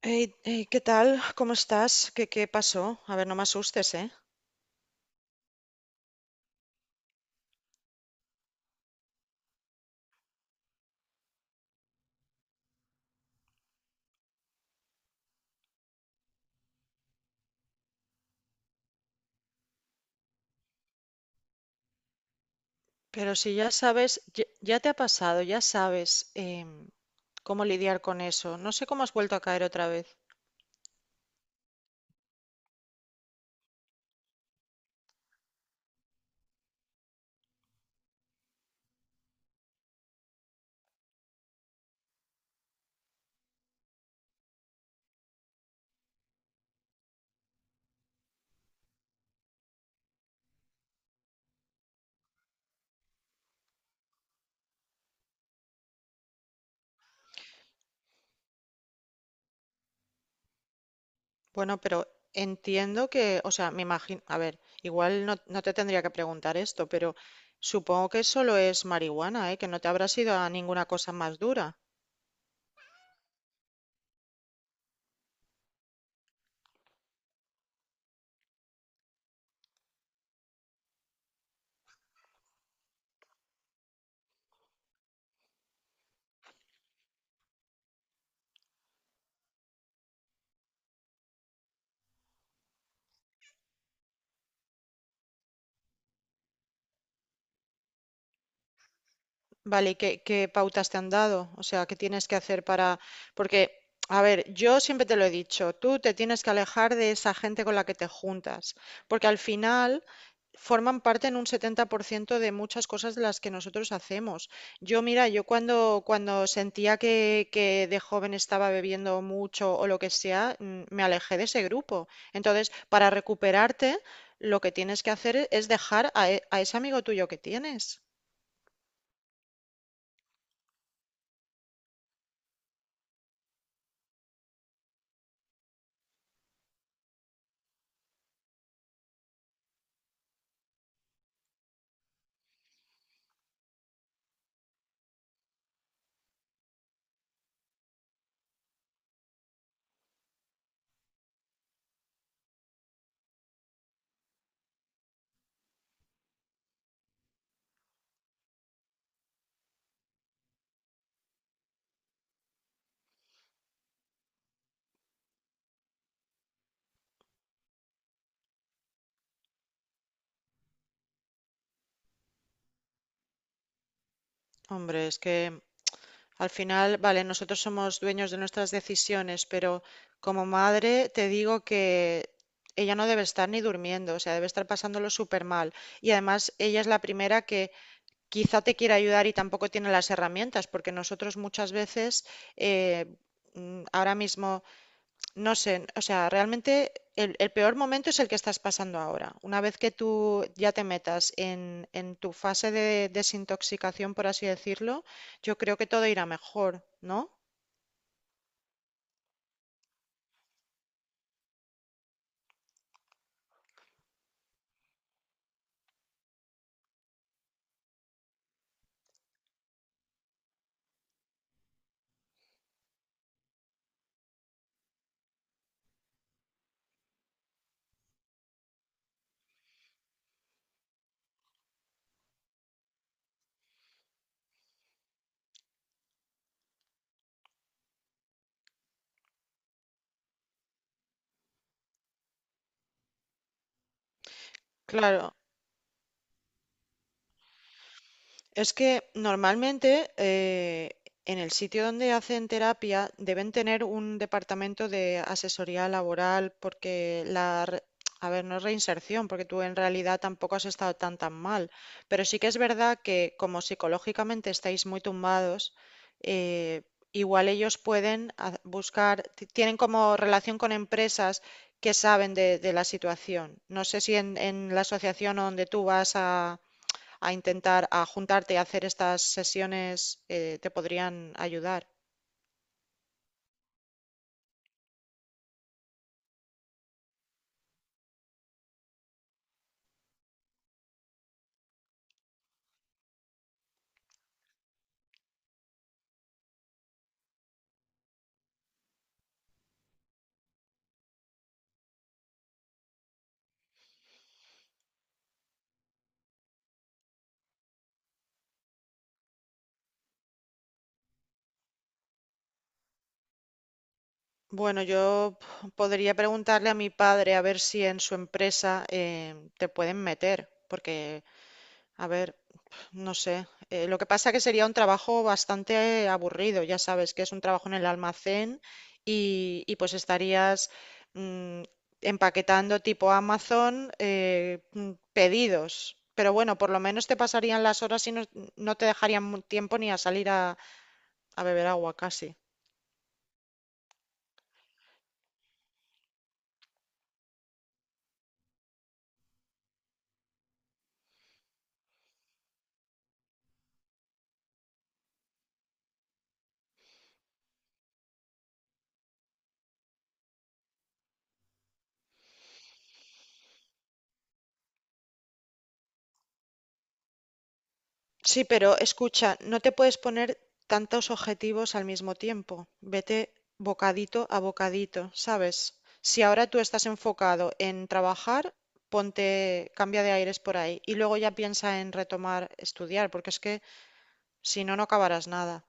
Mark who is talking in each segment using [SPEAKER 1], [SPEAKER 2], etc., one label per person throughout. [SPEAKER 1] Hey, hey, ¿qué tal? ¿Cómo estás? ¿Qué pasó? A ver, no me asustes, ¿eh? Pero si ya sabes, ya te ha pasado, ya sabes cómo lidiar con eso. No sé cómo has vuelto a caer otra vez. Bueno, pero entiendo que, o sea, me imagino, a ver, igual no, no te tendría que preguntar esto, pero supongo que solo es marihuana, ¿eh? Que no te habrás ido a ninguna cosa más dura. Vale, ¿y qué pautas te han dado? O sea, ¿qué tienes que hacer para...? Porque, a ver, yo siempre te lo he dicho, tú te tienes que alejar de esa gente con la que te juntas, porque al final forman parte en un 70% de muchas cosas de las que nosotros hacemos. Yo, mira, yo cuando sentía que de joven estaba bebiendo mucho o lo que sea, me alejé de ese grupo. Entonces, para recuperarte, lo que tienes que hacer es dejar a ese amigo tuyo que tienes. Hombre, es que... Al final, vale, nosotros somos dueños de nuestras decisiones, pero como madre te digo que ella no debe estar ni durmiendo, o sea, debe estar pasándolo súper mal. Y además, ella es la primera que quizá te quiera ayudar y tampoco tiene las herramientas, porque nosotros muchas veces, eh, ahora mismo no sé, o sea, realmente el peor momento es el que estás pasando ahora. Una vez que tú ya te metas en tu fase de desintoxicación, por así decirlo, yo creo que todo irá mejor, ¿no? Claro. Es que normalmente en el sitio donde hacen terapia deben tener un departamento de asesoría laboral A ver, no es reinserción, porque tú en realidad tampoco has estado tan tan mal, pero sí que es verdad que como psicológicamente estáis muy tumbados, eh, igual ellos pueden buscar, tienen como relación con empresas que saben de la situación. No sé si en la asociación o donde tú vas a intentar, a juntarte, a hacer estas sesiones, te podrían ayudar. Bueno, yo podría preguntarle a mi padre a ver si en su empresa te pueden meter, porque, a ver, no sé, lo que pasa que sería un trabajo bastante aburrido, ya sabes que es un trabajo en el almacén y pues estarías mm, empaquetando tipo Amazon pedidos, pero bueno, por lo menos te pasarían las horas y no, no te dejarían tiempo ni a salir a beber agua casi. Sí, pero escucha, no te puedes poner tantos objetivos al mismo tiempo. Vete bocadito a bocadito, ¿sabes? Si ahora tú estás enfocado en trabajar, ponte, cambia de aires por ahí y luego ya piensa en retomar estudiar, porque es que si no, no acabarás nada.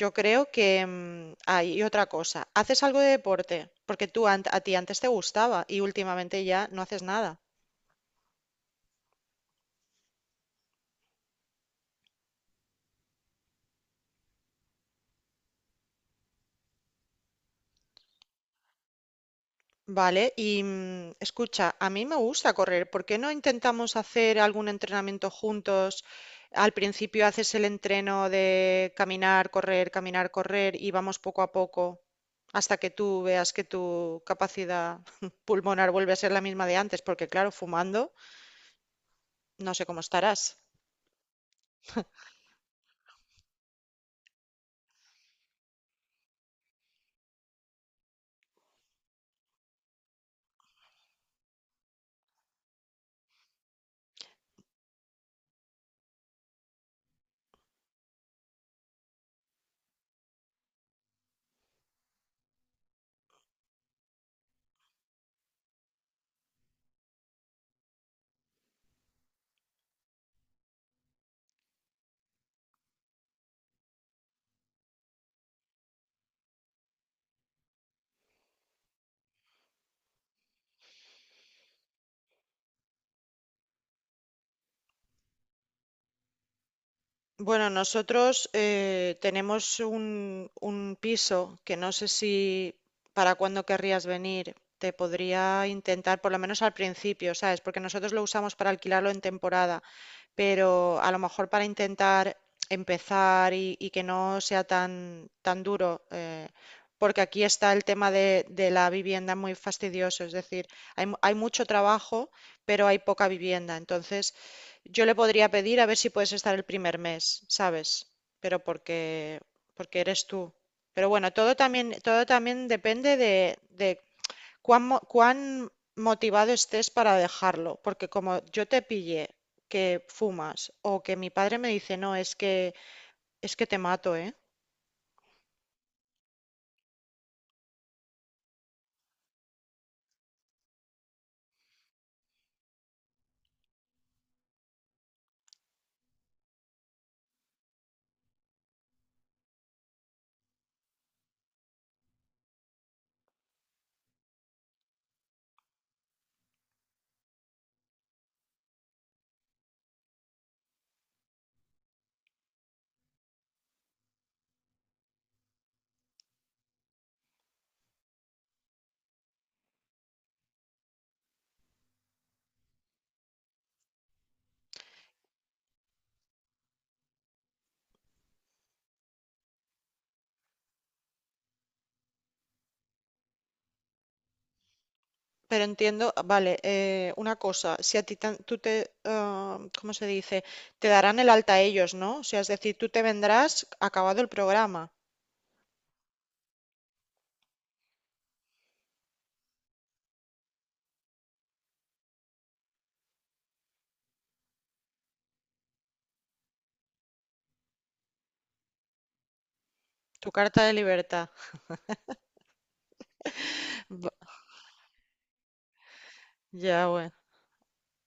[SPEAKER 1] Yo creo que y otra cosa, haces algo de deporte, porque tú a ti antes te gustaba y últimamente ya no haces nada. Vale, y escucha, a mí me gusta correr. ¿Por qué no intentamos hacer algún entrenamiento juntos? Al principio haces el entreno de caminar, correr y vamos poco a poco hasta que tú veas que tu capacidad pulmonar vuelve a ser la misma de antes, porque claro, fumando, no sé cómo estarás. Bueno, nosotros tenemos un piso que no sé si para cuándo querrías venir. Te podría intentar, por lo menos al principio, ¿sabes? Porque nosotros lo usamos para alquilarlo en temporada, pero a lo mejor para intentar empezar y que no sea tan, tan duro, porque aquí está el tema de la vivienda muy fastidioso, es decir, hay mucho trabajo, pero hay poca vivienda. Entonces, yo le podría pedir a ver si puedes estar el primer mes, ¿sabes? Pero porque, porque eres tú. Pero bueno, todo también depende de cuán motivado estés para dejarlo, porque como yo te pille que fumas o que mi padre me dice, no, es que te mato, ¿eh? Pero entiendo, ah, vale, una cosa, si a ti ¿cómo se dice? Te darán el alta ellos, ¿no? O sea, es decir, tú te vendrás acabado el programa, tu carta de libertad. Va- ya, bueno.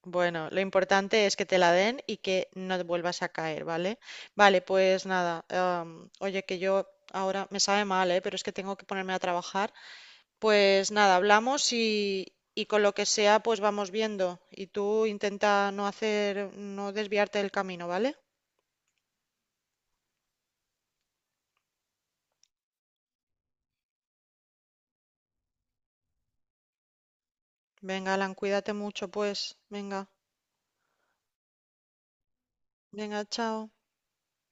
[SPEAKER 1] Bueno, lo importante es que te la den y que no te vuelvas a caer, ¿vale? Vale, pues nada, oye, que yo ahora me sabe mal, ¿eh? Pero es que tengo que ponerme a trabajar. Pues nada, hablamos y con lo que sea, pues vamos viendo. Y tú intenta no desviarte del camino, ¿vale? Venga, Alan, cuídate mucho, pues. Venga, venga, chao.